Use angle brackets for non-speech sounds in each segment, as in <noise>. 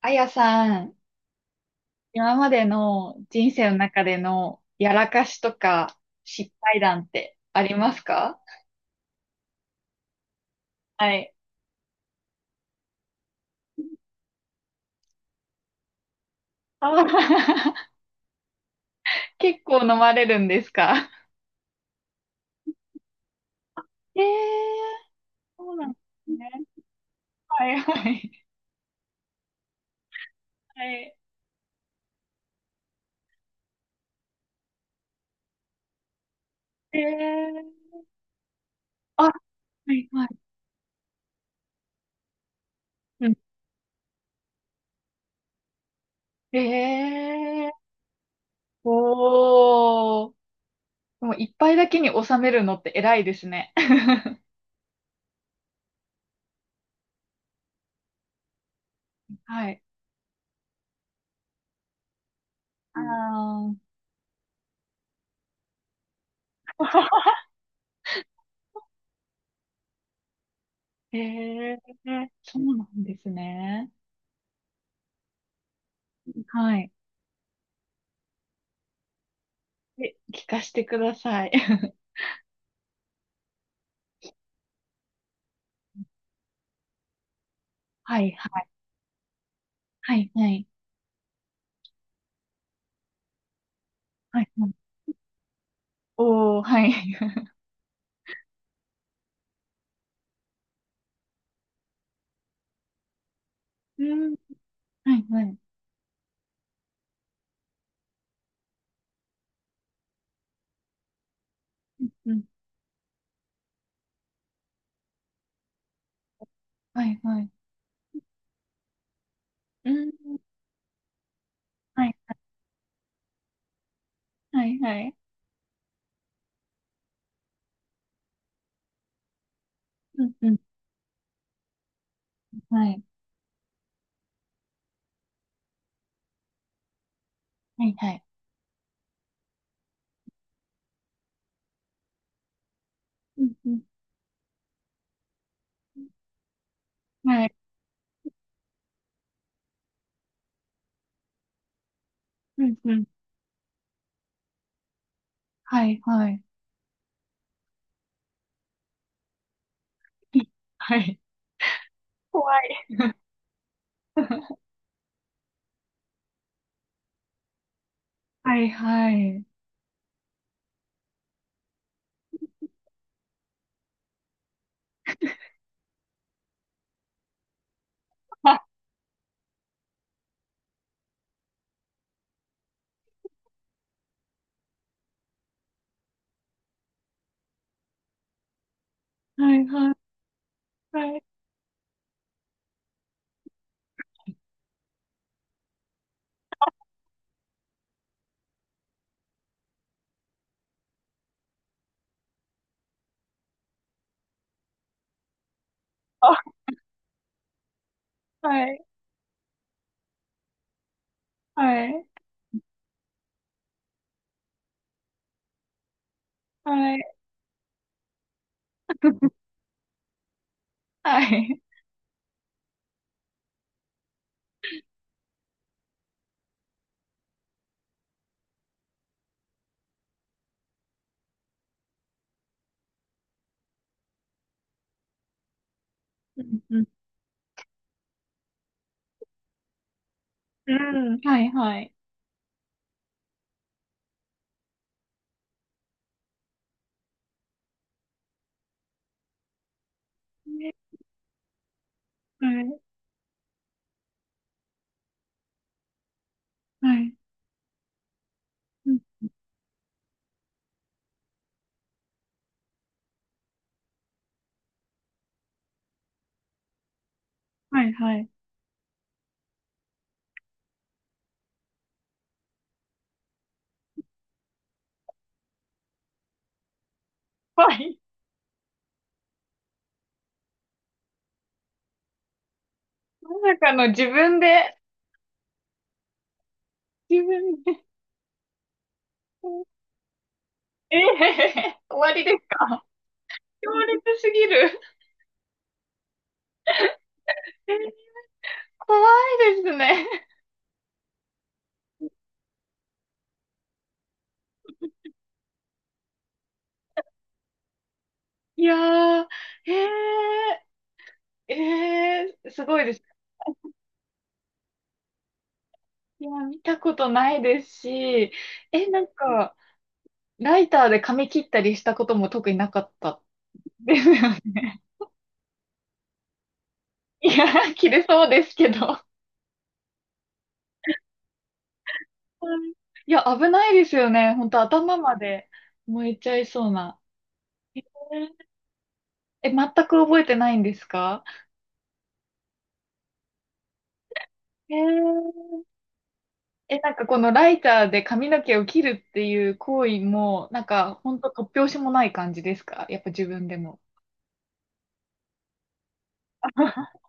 あやさん、今までの人生の中でのやらかしとか失敗談ってありますか？はい。あー。 <laughs> 結構飲まれるんですか？えー、そうなんですね。はいはい。はい。えー、あ、はいはい。うん。えー、おー。でも一杯だけに収めるのって偉いですね。<laughs> はい。あー。<laughs> えー、そうなんですね。はい。え、聞かせてください。<laughs> はい、はい、はい、はい、はい、はい。おー、はい。<laughs> うん、はい、はい。うん、うん、はい、はい。うん、はい、はい、はい。うん、うん、はい、はい、はい。うん、うん、はい、うん、うん、はい、はい。<laughs> はい。怖い。<laughs> はい、はい。あ、はい、はい、はい。あ、はい、はい、はい。<laughs> はい。うん、うん、うん、はい、はい。ね、はい、はい。うん、はい、はい。ぱい。まさかの自分で、自分で。ええ、終わりですか？強烈すぎる。え、怖いですね。いやー、ええええ、すごいです。いや、見たことないですし、え、なんか、ライターで髪切ったりしたことも特になかったですよね。いや、切れそうですけど。うん。いや、危ないですよね。本当頭まで燃えちゃいそうな。へええ、全く覚えてないんですか？へえ。え、なんかこのライターで髪の毛を切るっていう行為も、なんかほんと突拍子もない感じですか？やっぱ自分でも。<laughs>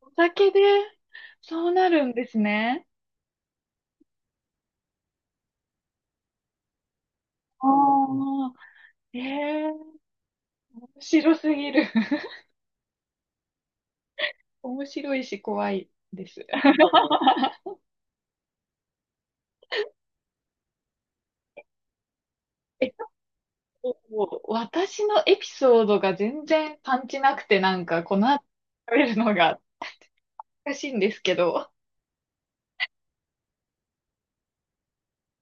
お酒でそうなるんですね。ああ、ええ、面白すぎる。<laughs> 面白いし怖いです。<laughs> え、もう私のエピソードが全然パンチなくて、なんかこの後食べるのが難しいんですけど。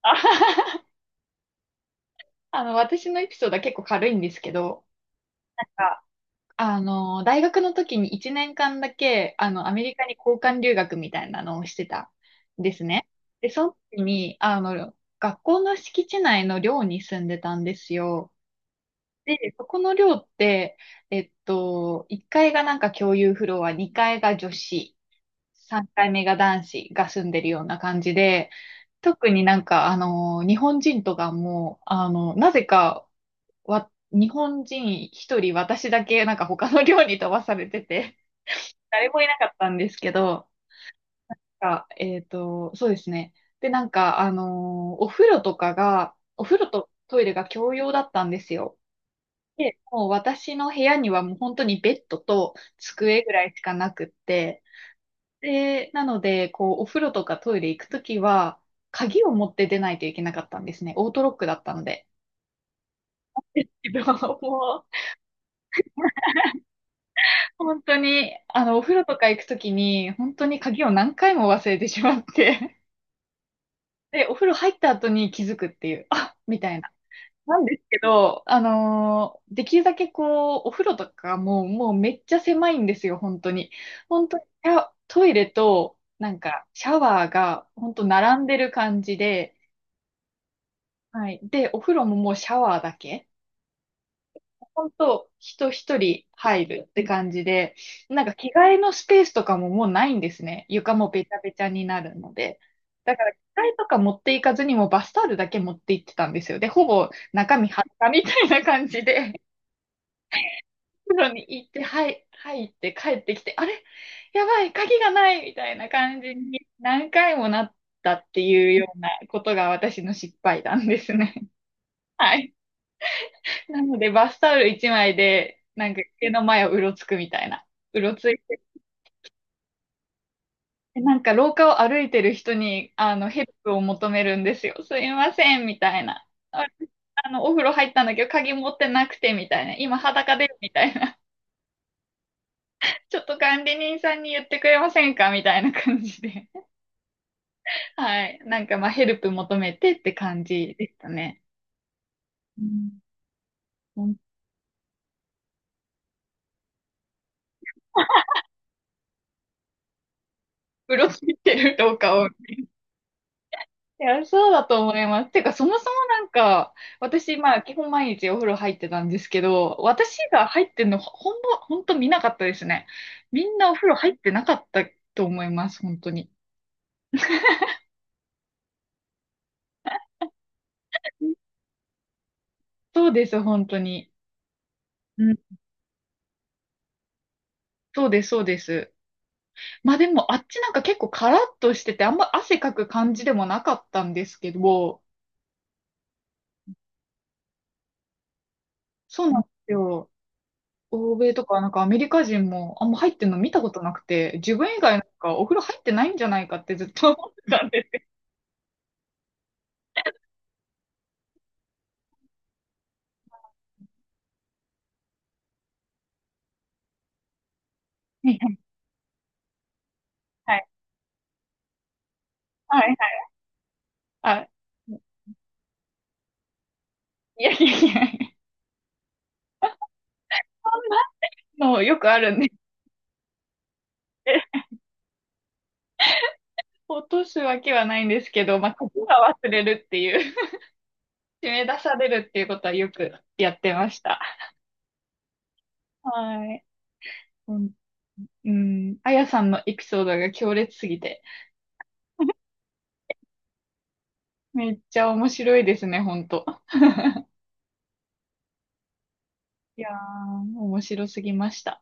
<laughs> 私のエピソードは結構軽いんですけど、なんか大学の時に1年間だけ、アメリカに交換留学みたいなのをしてたんですね。で、その時に、学校の敷地内の寮に住んでたんですよ。で、そこの寮って、1階がなんか共有フロア、2階が女子、3階目が男子が住んでるような感じで、特になんか、日本人とかも、なぜか、日本人一人私だけなんか他の寮に飛ばされてて、<laughs> 誰もいなかったんですけど、あ、そうですね。で、なんか、お風呂とトイレが共用だったんですよ。で、もう私の部屋にはもう本当にベッドと机ぐらいしかなくって、で、なので、こう、お風呂とかトイレ行くときは、鍵を持って出ないといけなかったんですね。オートロックだったので。自分はも本当に、お風呂とか行くときに、本当に鍵を何回も忘れてしまって、<laughs> で、お風呂入った後に気づくっていう、あ、みたいな。なんですけど、できるだけこう、お風呂とかもう、もうめっちゃ狭いんですよ、本当に。本当に、いやトイレと、なんか、シャワーが、本当並んでる感じで、はい。で、お風呂ももうシャワーだけ。本当、人一人入るって感じで、なんか着替えのスペースとかももうないんですね。床もべちゃべちゃになるので。だから着替えとか持っていかずにもうバスタオルだけ持って行ってたんですよ。で、ほぼ中身裸みたいな感じで、風呂に行って、はい、入って帰ってきて、あれ、やばい、鍵がないみたいな感じに何回もなったっていうようなことが私の失敗談ですね。はい。なので、バスタオル一枚で、なんか家の前をうろつくみたいな。うろついて、なんか廊下を歩いてる人に、ヘルプを求めるんですよ。すいません、みたいな。ああ、お風呂入ったんだけど、鍵持ってなくて、みたいな。今裸で、みたいな。<laughs> ちょっと管理人さんに言ってくれませんか、みたいな感じで。<laughs> はい。なんか、まあ、ヘルプ求めてって感じでしたね。うん。うろついてる廊下を。いや、そうだと思います。てか、そもそもなんか、私、まあ、基本毎日お風呂入ってたんですけど、私が入ってんの、ほんま、ほんと見なかったですね。みんなお風呂入ってなかったと思います、本当に。そうです、本当に。うん、そうです、そうです。まあでも、あっちなんか結構カラッとしてて、あんま汗かく感じでもなかったんですけど、そうなんですよ。欧米とか、なんかアメリカ人もあんま入ってんの見たことなくて、自分以外なんかお風呂入ってないんじゃないかってずっと思ってたん。はい、はい。はい、はい、はい、はい、あ、いやいやいや、そんなのよくあるんで、落とすわけはないんですけど、まあ、は忘れるっていう、締め出されるっていうことはよくやってました。はい。うん、うん、あやさんのエピソードが強烈すぎて、めっちゃ面白いですね、ほんと。いやー、面白すぎました。